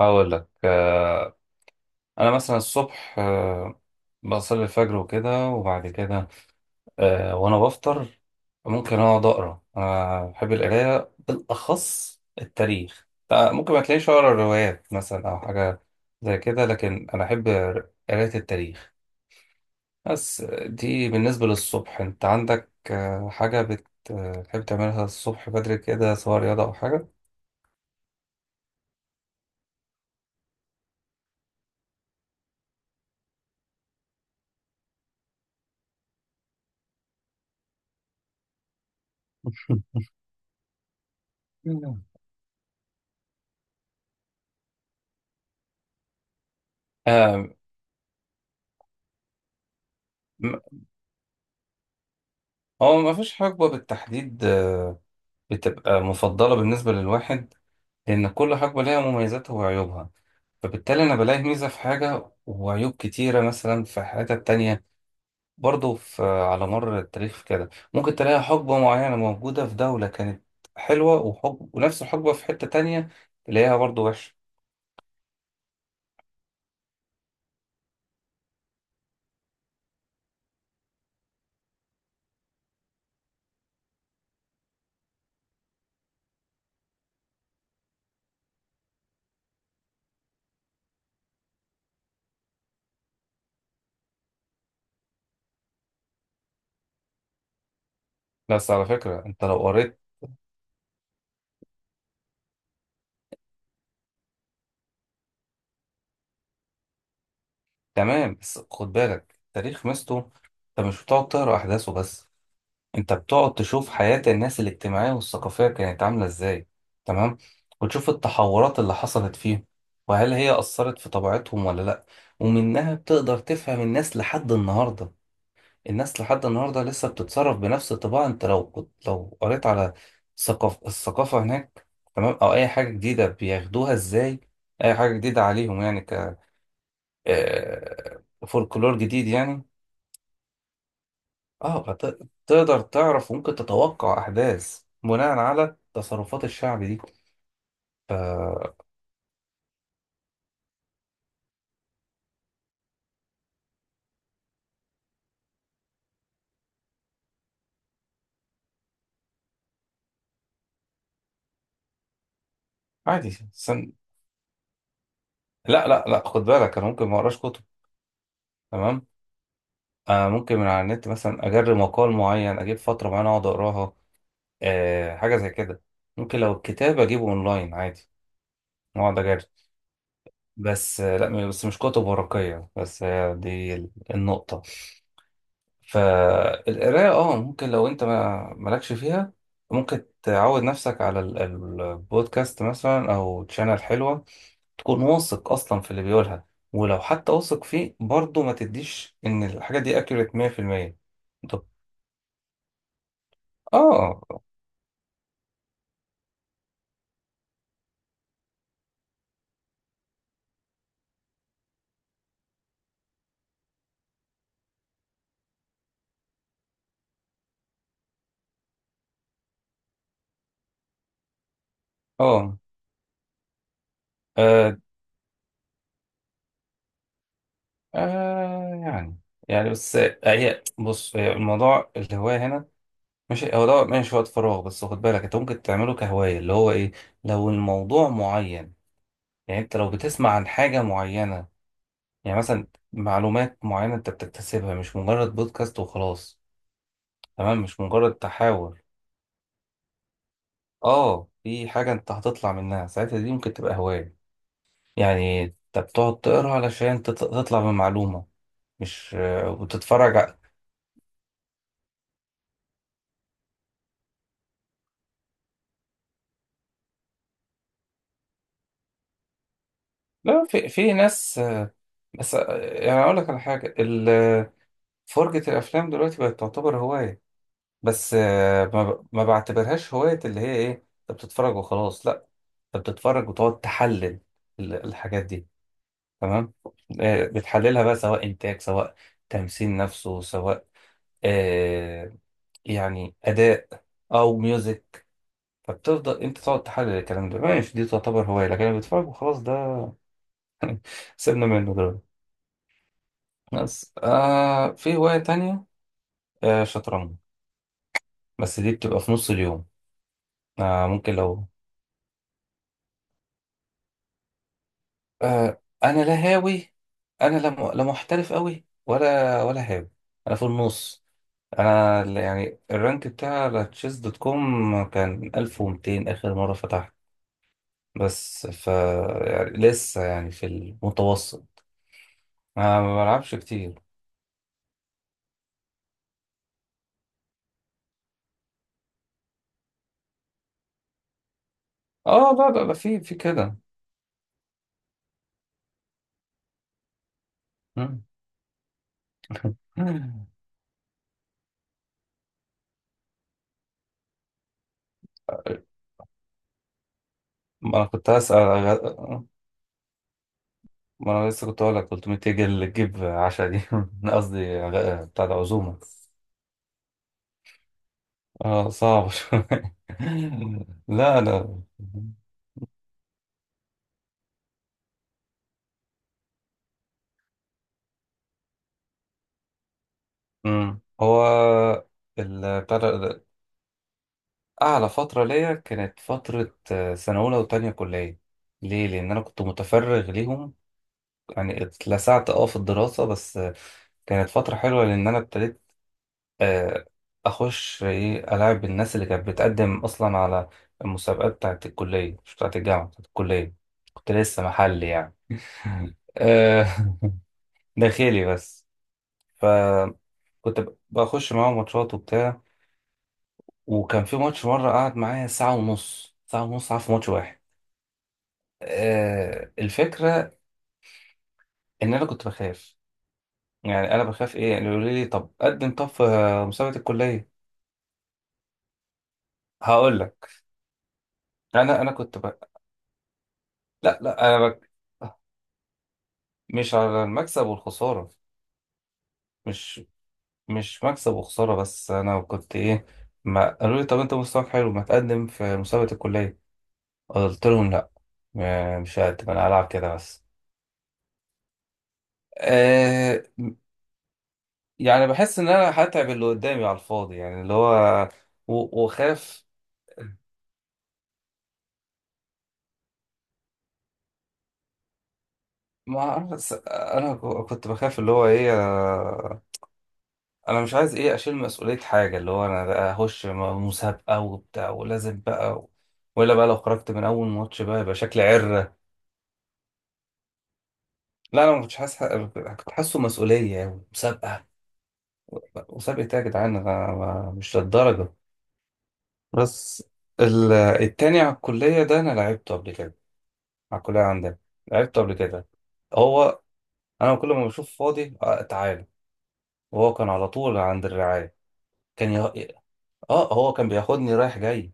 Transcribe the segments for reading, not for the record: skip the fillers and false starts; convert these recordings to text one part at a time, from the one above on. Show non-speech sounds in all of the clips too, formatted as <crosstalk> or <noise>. هقول لك انا مثلا الصبح بصلي الفجر وكده. وبعد كده وانا بفطر ممكن اقعد اقرا. انا بحب القرايه، بالاخص التاريخ. ممكن ما تلاقيش اقرا روايات مثلا او حاجه زي كده، لكن انا احب قرايه التاريخ. بس دي بالنسبه للصبح. انت عندك حاجه بتحب تعملها الصبح بدري كده، سواء رياضه او حاجه؟ <laughs> مم. آه، م- هو ما فيش حقبة بالتحديد بتبقى مفضلة بالنسبة للواحد، لأن كل حقبة ليها مميزاتها وعيوبها. فبالتالي أنا بلاقي ميزة في حاجة وعيوب كتيرة مثلا في حتة تانية. برضه في على مر التاريخ كده، ممكن تلاقي حقبة معينة موجودة في دولة كانت حلوة، وحقبة ونفس الحقبة في حتة تانية تلاقيها برضه وحشة. بس على فكرة أنت لو قريت. تمام، بس خد بالك التاريخ مستو، أنت مش بتقعد تقرا أحداثه بس، انت بتقعد تشوف حياة الناس الاجتماعية والثقافية كانت عاملة ازاي. تمام. وتشوف التحورات اللي حصلت فيهم، وهل هي أثرت في طبيعتهم ولا لأ. ومنها بتقدر تفهم الناس لحد النهاردة. الناس لحد النهاردة لسه بتتصرف بنفس الطباع. انت لو كنت لو قريت على ثقافة الثقافة هناك. تمام. أو أي حاجة جديدة بياخدوها ازاي، أي حاجة جديدة عليهم يعني ك فولكلور جديد يعني. اه تقدر تعرف وممكن تتوقع احداث بناء على تصرفات الشعب دي. عادي لا لا لا، خد بالك انا ممكن ما اقراش كتب. تمام. آه ممكن من على النت مثلا اجرب مقال معين، اجيب فتره معينه اقعد اقراها. آه حاجه زي كده. ممكن لو الكتاب اجيبه اونلاين عادي اقعد اجرب. بس آه لا، بس مش كتب ورقيه بس. آه دي النقطه. فالقراية اه ممكن لو انت ما مالكش فيها، ممكن تعود نفسك على البودكاست مثلا او تشانل حلوة. تكون واثق اصلا في اللي بيقولها. ولو حتى واثق فيه برضه، ما تديش ان الحاجة دي اكيوريت 100%. طب اه اه آه، آه، يعني يعني بس هي بص، هي الموضوع الهواية هنا ماشي. هو ده ماشي وقت فراغ، بس خد بالك انت ممكن تعمله كهواية اللي هو ايه، لو الموضوع معين. يعني انت لو بتسمع عن حاجة معينة، يعني مثلا معلومات معينة انت بتكتسبها، مش مجرد بودكاست وخلاص. تمام. مش مجرد تحاور. اه في حاجة انت هتطلع منها ساعتها، دي ممكن تبقى هواية. يعني انت بتقعد تقرا علشان تطلع بمعلومة، مش وتتفرج ع- لا في ناس بس يعني اقول لك على حاجة ال- فرجة الافلام دلوقتي بقت تعتبر هواية. بس ما بعتبرهاش هواية اللي هي ايه، انت بتتفرج وخلاص لا. فبتتفرج وتقعد تحلل ال- الحاجات دي. تمام. بتحللها بقى، سواء إنتاج، سواء تمثيل نفسه، سواء آه يعني أداء، أو ميوزك. فبتفضل أنت تقعد تحلل الكلام ده ماشي، دي تعتبر هواية. لكن أنا بتفرج وخلاص ده. سيبنا منه دلوقتي. بس آه في هواية تانية، آه شطرنج. بس دي بتبقى في نص اليوم. آه ممكن لو. آه أنا لا هاوي. أنا لا لا محترف أوي ولا هاوي. أنا في النص. انا ال- يعني الرانك بتاع على تشيس دوت كوم كان 1200 اخر مره فتحت. بس ف يعني لسه يعني في المتوسط. انا ما بلعبش كتير. اه لا لا لا في كده. مم. <laughs> ما انا كنت هسأل أغ- ما انا لسه كنت هقول لك 300 جنيه اللي تجيب عشا دي <laughs> قصدي بتاع ده عزومه. اه صعب شويه. <laughs> لا لا. مم. هو ال- بتاع ده أعلى فترة ليا كانت فترة سنة أولى وتانية كلية. ليه؟ لأن أنا كنت متفرغ ليهم. يعني اتلسعت أه في الدراسة، بس كانت فترة حلوة لأن أنا ابتديت آه، أخش إيه، ألاعب الناس اللي كانت بتقدم أصلا على المسابقات بتاعة الكلية، مش بتاعة الجامعة، بتاعة الكلية. كنت لسه محلي يعني. <laughs> آه، <laughs> داخلي بس. فكنت بخش معاهم ماتشات وبتاع. وكان في ماتش مرة قعد معايا ساعة ونص، ساعة ونص قعد في ماتش واحد. الفكرة إن أنا كنت بخاف. يعني أنا بخاف إيه يعني، يقولوا لي طب قدم طب في مسابقة الكلية. هقول لك. أنا كنت ب... لا لا أنا بك... مش على المكسب والخسارة. مش مش مكسب وخسارة. بس أنا كنت إيه، ما قالوا لي طب أنت مستواك حلو، ما تقدم في مسابقة الكلية. قلت لهم لا، مش هقدم، أنا هلعب كده بس. آه يعني بحس إن أنا هتعب اللي قدامي على الفاضي، يعني اللي هو وخاف. ما اعرف، بس انا كنت بخاف اللي هو ايه انا مش عايز ايه اشيل مسؤولية حاجة، اللي هو انا بقى اخش مسابقة وبتاع ولازم بقى و- ولا بقى لو خرجت من اول ماتش بقى يبقى شكلي عرة. لا انا ما كنتش حاسس كنت حاسه مسؤولية أوي مسابقة. مسابقة ايه يا جدعان، انا مش للدرجة. بس ال- التاني على الكلية ده انا لعبته قبل كده، على الكلية عندنا، لعبته قبل كده. هو انا كل ما بشوف فاضي تعالى. وهو كان على طول عند الرعاية. كان اه هو كان بياخدني رايح جاي.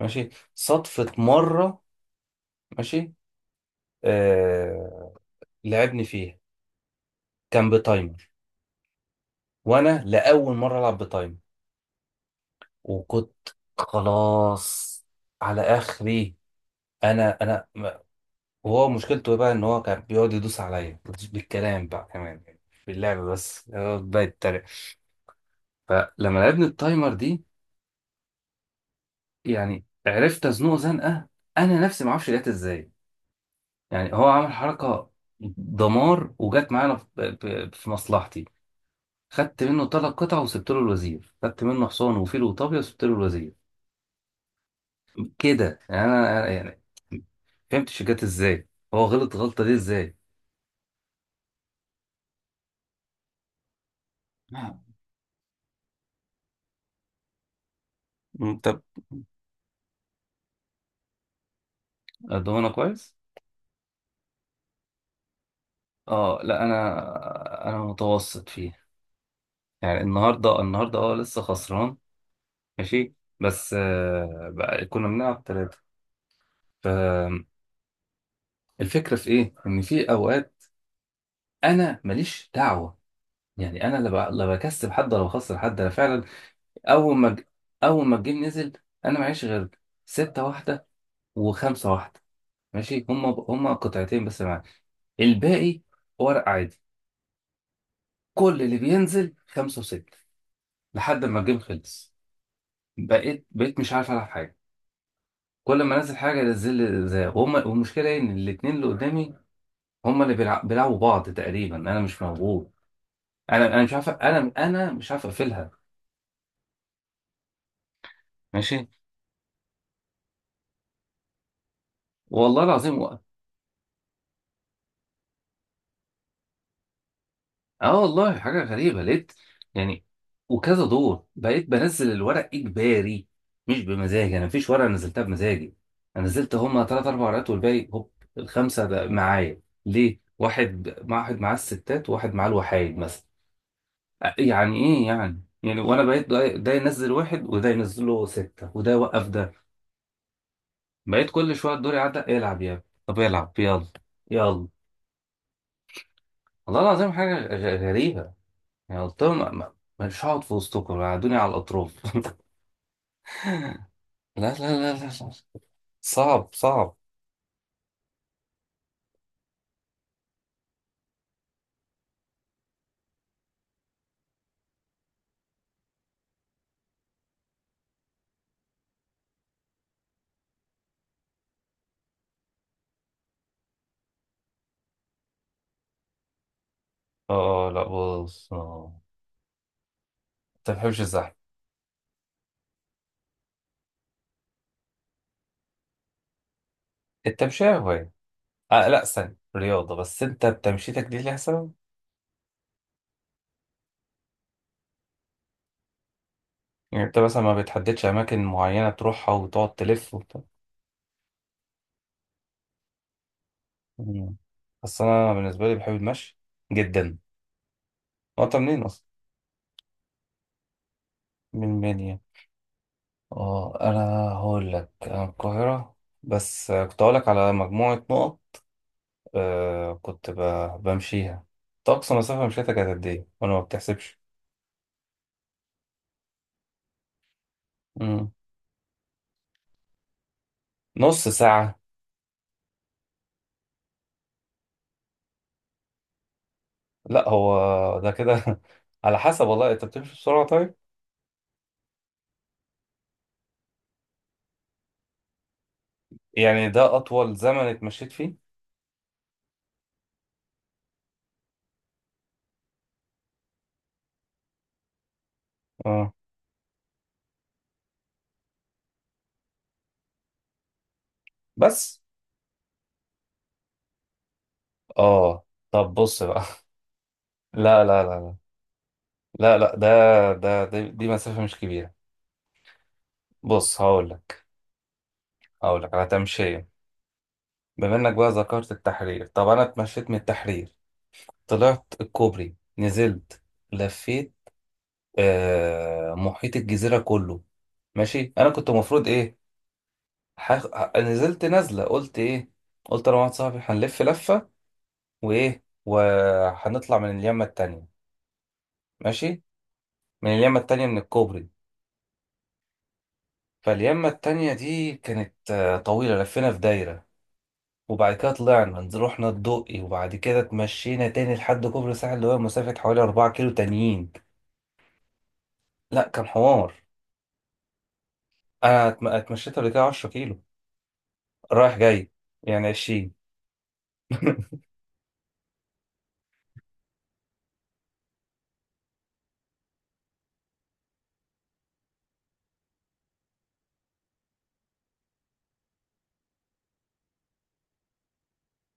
ماشي صدفة مرة. ماشي. آه لعبني فيها كان بتايمر، وانا لأول مرة العب بتايمر، وكنت خلاص على اخري. انا ما- وهو مشكلته بقى ان هو كان بيقعد يدوس عليا، مش بالكلام بقى كمان يعني في اللعب بس، يقعد بقى يتريق. فلما لعبني التايمر دي، يعني عرفت ازنقه زنقه. انا نفسي ما اعرفش جت ازاي، يعني هو عمل حركة دمار وجت معانا في في مصلحتي. خدت منه ثلاث قطع وسبت له الوزير، خدت منه حصان وفيل وطابية وسبت له الوزير. كده يعني انا يعني فهمتش جت ازاي. هو غلط الغلطة دي ازاي. نعم. انت الضمانة كويس. اه لا انا متوسط فيه. يعني النهارده النهارده اه لسه خسران. ماشي. بس آه بقى كنا بنلعب ثلاثة. فالفكرة في ايه، ان في اوقات انا ماليش دعوة. يعني انا لا لا بكسب حد ولا بخسر حد انا فعلا. اول ما اول ما الجيم نزل، انا معيش غير ستة واحدة وخمسة واحدة ماشي. هما هما قطعتين بس معايا، الباقي ورق عادي. كل اللي بينزل خمسة وستة لحد ما الجيم خلص. بقيت مش عارف العب حاجة. كل ما انزل حاجة انزل زي وهم. والمشكلة ايه، ان الاتنين اللي قدامي هما اللي بيلعبوا بعض تقريبا، انا مش موجود. انا مش عارف انا مش عارف اقفلها. ماشي. والله العظيم. اه والله حاجة غريبة لقيت يعني، وكذا دور بقيت بنزل الورق إجباري، مش بمزاجي. أنا مفيش ورقة نزلتها بمزاجي. أنا نزلت هما تلات أربع ورقات والباقي هوب، الخمسة ده معايا. ليه؟ واحد مع واحد معاه الستات، وواحد معاه الوحايد مثلا. يعني إيه يعني؟ يعني وأنا بقيت ده ده ينزل واحد، وده ينزل له ستة، وده يوقف ده. بقيت كل شوية الدور يعدي، العب يا ابني. طب العب يلا. يلا. والله العظيم حاجة غريبة. يعني قلت لهم مش هقعد في وسطكم، قعدوني على الأطراف. <laughs> لا لا لا لا لا. صعب صعب. اه لا بص آه. انت ما بتحبش الزحمة. التمشية هواية. آه لا استنى رياضة، بس انت بتمشيتك دي ليها سبب. يعني انت مثلا ما بتحددش أماكن معينة تروحها وتقعد تلف وبتاع. مم. بس أنا بالنسبة لي بحب المشي جدا. وأنت منين أصلا؟ من المنيا. اه أنا هقول لك أنا من القاهرة. بس كنت هقول لك على مجموعة نقط. آه كنت بمشيها. طب أقصى مسافة مشيتها كانت قد إيه؟ وأنا ما بتحسبش. مم. نص ساعة. لا هو ده كده <laughs> على حسب، والله أنت بتمشي بسرعة طيب؟ يعني ده أطول زمن اتمشيت فيه؟ اه. بس؟ اه. طب بص بقى. <laughs> لا لا لا لا لا لا ده ده دي, دي مسافة مش كبيرة. بص هقول لك، هقول لك على تمشية، بما إنك بقى ذكرت التحرير. طب أنا اتمشيت من التحرير، طلعت الكوبري، نزلت، لفيت محيط الجزيرة كله. ماشي انا كنت المفروض ايه نزلت نازلة قلت ايه، قلت انا واحد صاحبي هنلف لفة، وايه وهنطلع من اليمة التانية. ماشي، من اليمة التانية من الكوبري. فاليمة التانية دي كانت طويلة، لفينا في دايرة. وبعد كده طلعنا رحنا الدقي، وبعد كده اتمشينا تاني لحد كوبري الساحل، اللي هو مسافة حوالي 4 كيلو تانيين. لا كان حوار. انا اتمشيت قبل كده 10 كيلو رايح جاي، يعني 20. <laughs>